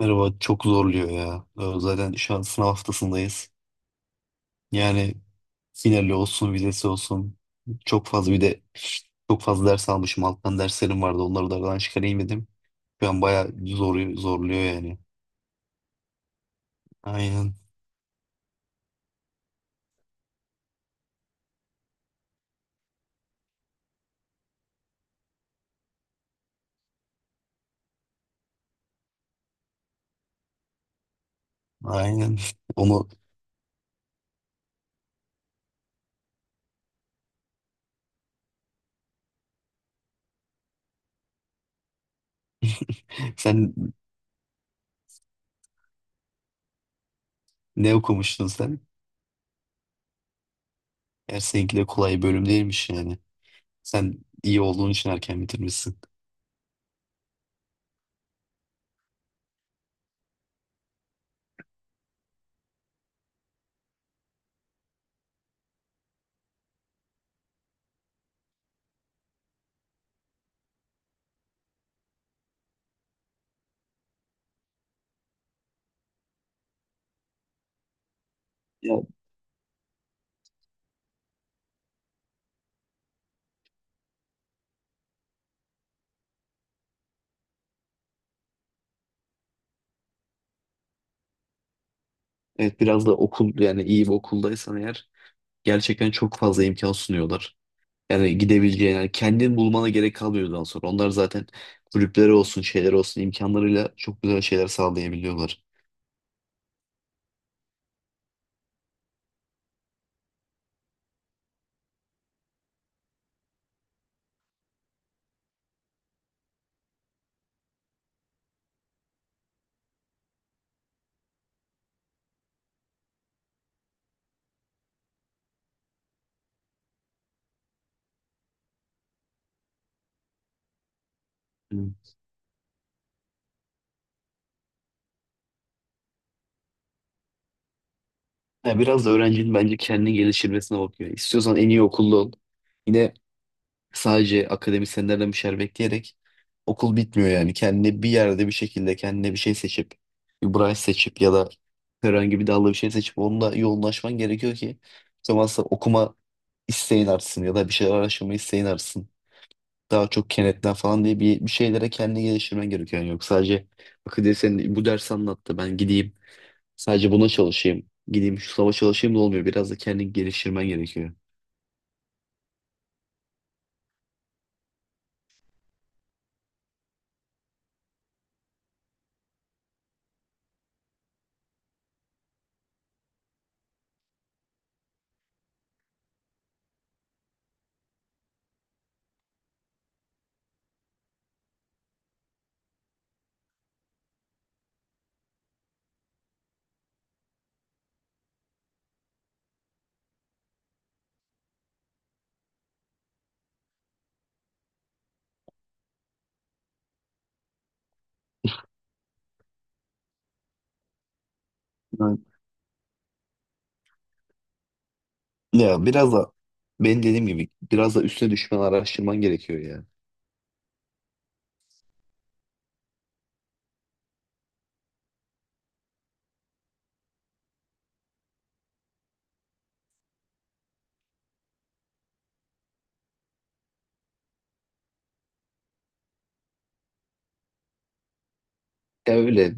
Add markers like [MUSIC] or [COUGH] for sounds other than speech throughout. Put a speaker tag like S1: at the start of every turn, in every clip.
S1: Merhaba, çok zorluyor ya. Zaten şu an sınav haftasındayız. Yani finali olsun, vizesi olsun. Çok fazla bir de çok fazla ders almışım. Alttan derslerim vardı. Onları da aradan çıkarayım dedim. Şu an bayağı zor, zorluyor yani. Aynen. Aynen. [LAUGHS] Onu [LAUGHS] sen ne okumuştun sen? Eğer seninki de kolay bir bölüm değilmiş yani. Sen iyi olduğun için erken bitirmişsin. Ya evet, biraz da okul, yani iyi bir okuldaysan eğer gerçekten çok fazla imkan sunuyorlar. Yani gidebileceğin, yani kendin bulmana gerek kalmıyor daha sonra. Onlar zaten kulüpleri olsun, şeyler olsun imkanlarıyla çok güzel şeyler sağlayabiliyorlar. Hı. Yani biraz da öğrencinin bence kendini geliştirmesine bakıyor. İstiyorsan en iyi okulda ol. Yine sadece akademisyenlerden bir şeyler bekleyerek okul bitmiyor yani. Kendine bir yerde bir şekilde kendine bir şey seçip, bir branş seçip ya da herhangi bir dalda bir şey seçip onunla yoğunlaşman gerekiyor ki o zaman okuma isteğin artsın ya da bir şeyler araştırma isteğin artsın. Daha çok kenetlen falan diye bir şeylere kendini geliştirmen gerekiyor. Yani yok, sadece bak diye sen bu ders anlattı ben gideyim, sadece buna çalışayım gideyim şu sınava çalışayım da olmuyor. Biraz da kendini geliştirmen gerekiyor. Evet. Ya biraz da benim dediğim gibi biraz da üstüne düşmen araştırman gerekiyor ya. Ya öyle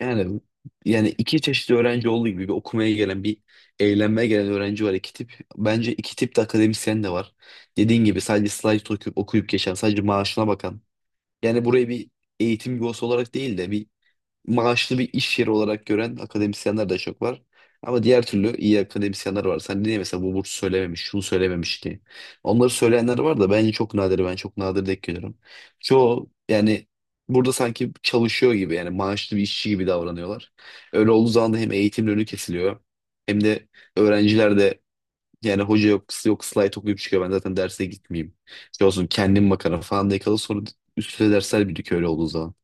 S1: yani, yani iki çeşit öğrenci olduğu gibi bir okumaya gelen bir eğlenmeye gelen öğrenci var, iki tip. Bence iki tip de akademisyen de var. Dediğin gibi sadece slide okuyup geçen, sadece maaşına bakan. Yani burayı bir eğitim yuvası olarak değil de bir maaşlı bir iş yeri olarak gören akademisyenler de çok var. Ama diğer türlü iyi akademisyenler var. Sen niye mesela bu burs söylememiş, şunu söylememiş diye. Onları söyleyenler var da bence çok nadir. Ben çok nadir denk geliyorum. Çoğu yani burada sanki çalışıyor gibi, yani maaşlı bir işçi gibi davranıyorlar. Öyle olduğu zaman da hem eğitimin önü kesiliyor hem de öğrenciler de yani hoca yok, kız yok, slide okuyup çıkıyor. Ben zaten derse gitmeyeyim. Şey olsun, kendim bakarım falan diye kalır. Sonra üstüne dersler birikiyor öyle olduğu zaman.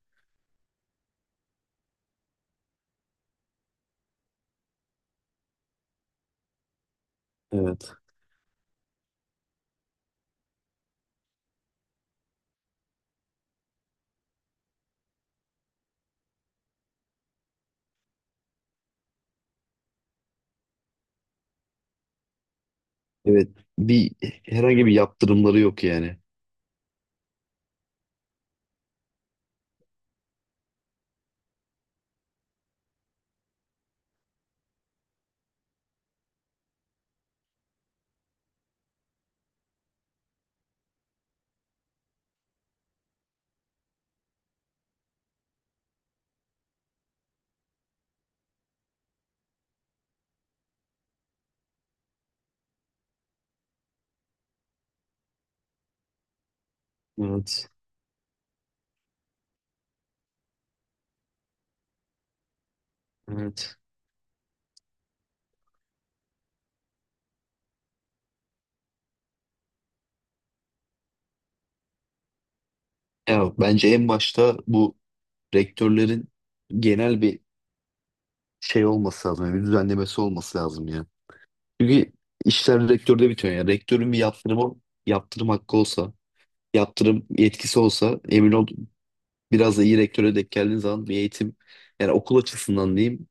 S1: Evet. Evet. Bir, herhangi bir yaptırımları yok yani. Evet. Evet. Ya bence en başta bu rektörlerin genel bir şey olması lazım. Yani bir düzenlemesi olması lazım ya. Çünkü işler rektörde bitiyor. Yani rektörün bir yaptırımı, yaptırım hakkı olsa, yaptırım yetkisi olsa emin ol biraz da iyi rektöre denk geldiğin zaman bir eğitim, yani okul açısından diyeyim,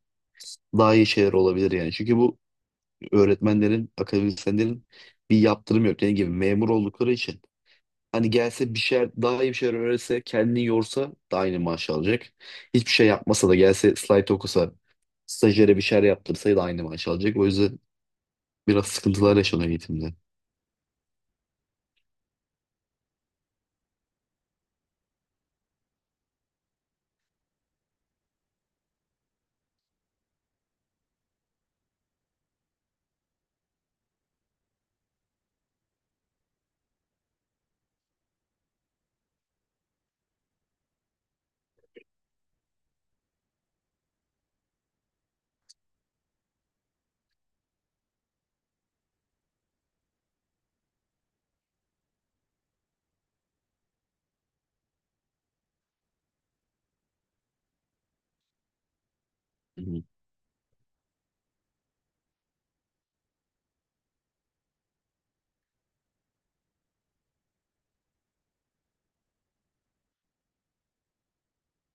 S1: daha iyi şeyler olabilir yani. Çünkü bu öğretmenlerin, akademisyenlerin bir yaptırım yok. Dediğim gibi memur oldukları için. Hani gelse bir şeyler, daha iyi bir şeyler öğretse, kendini yorsa da aynı maaş alacak. Hiçbir şey yapmasa da, gelse slide okusa, stajyere bir şeyler yaptırsa da aynı maaş alacak. O yüzden biraz sıkıntılar yaşanıyor eğitimde. Hı hı.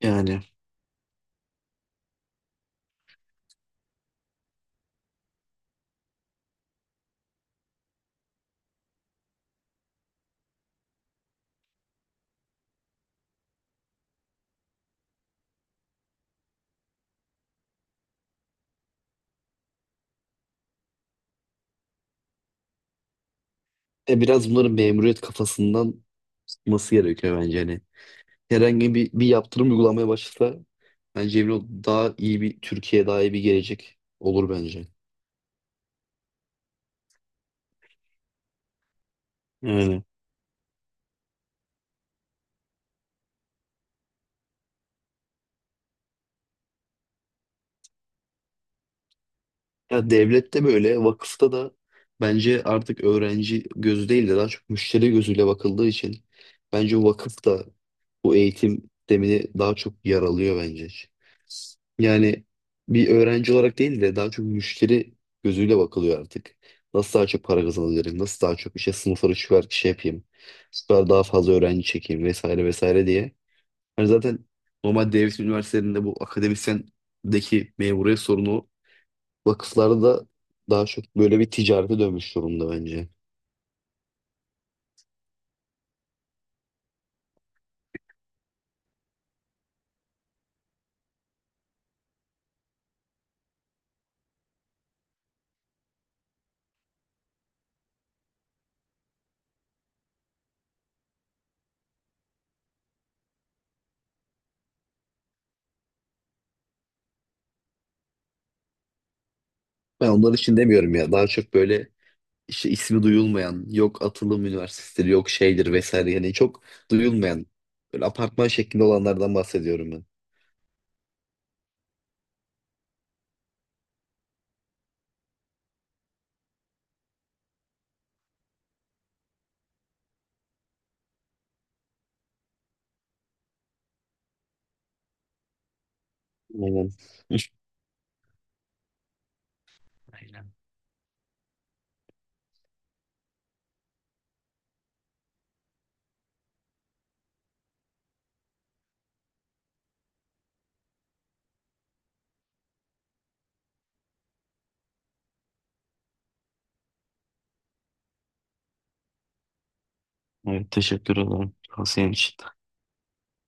S1: Yani Biraz bunların memuriyet kafasından çıkması gerekiyor bence. Hani herhangi bir yaptırım uygulamaya başlasa bence emin ol daha iyi bir Türkiye, daha iyi bir gelecek olur bence. Yani. Ya devlette böyle, vakıfta da bence artık öğrenci gözü değil de daha çok müşteri gözüyle bakıldığı için bence vakıf da bu eğitim sistemini daha çok yaralıyor bence. Yani bir öğrenci olarak değil de daha çok müşteri gözüyle bakılıyor artık. Nasıl daha çok para kazanabilirim? Nasıl daha çok işte sınıfları şu kadar şey yapayım? Şu kadar daha fazla öğrenci çekeyim vesaire vesaire diye. Hani zaten normal devlet üniversitelerinde bu akademisyendeki memuriyet sorunu, vakıflarda da daha çok böyle bir ticarete dönmüş durumda bence. Ben onlar için demiyorum ya. Daha çok böyle işte ismi duyulmayan, yok atılım üniversiteleri, yok şeydir vesaire. Yani çok duyulmayan, böyle apartman şeklinde olanlardan bahsediyorum ben. Aynen. [LAUGHS] Aynen. Evet, teşekkür ederim tavsiyen için.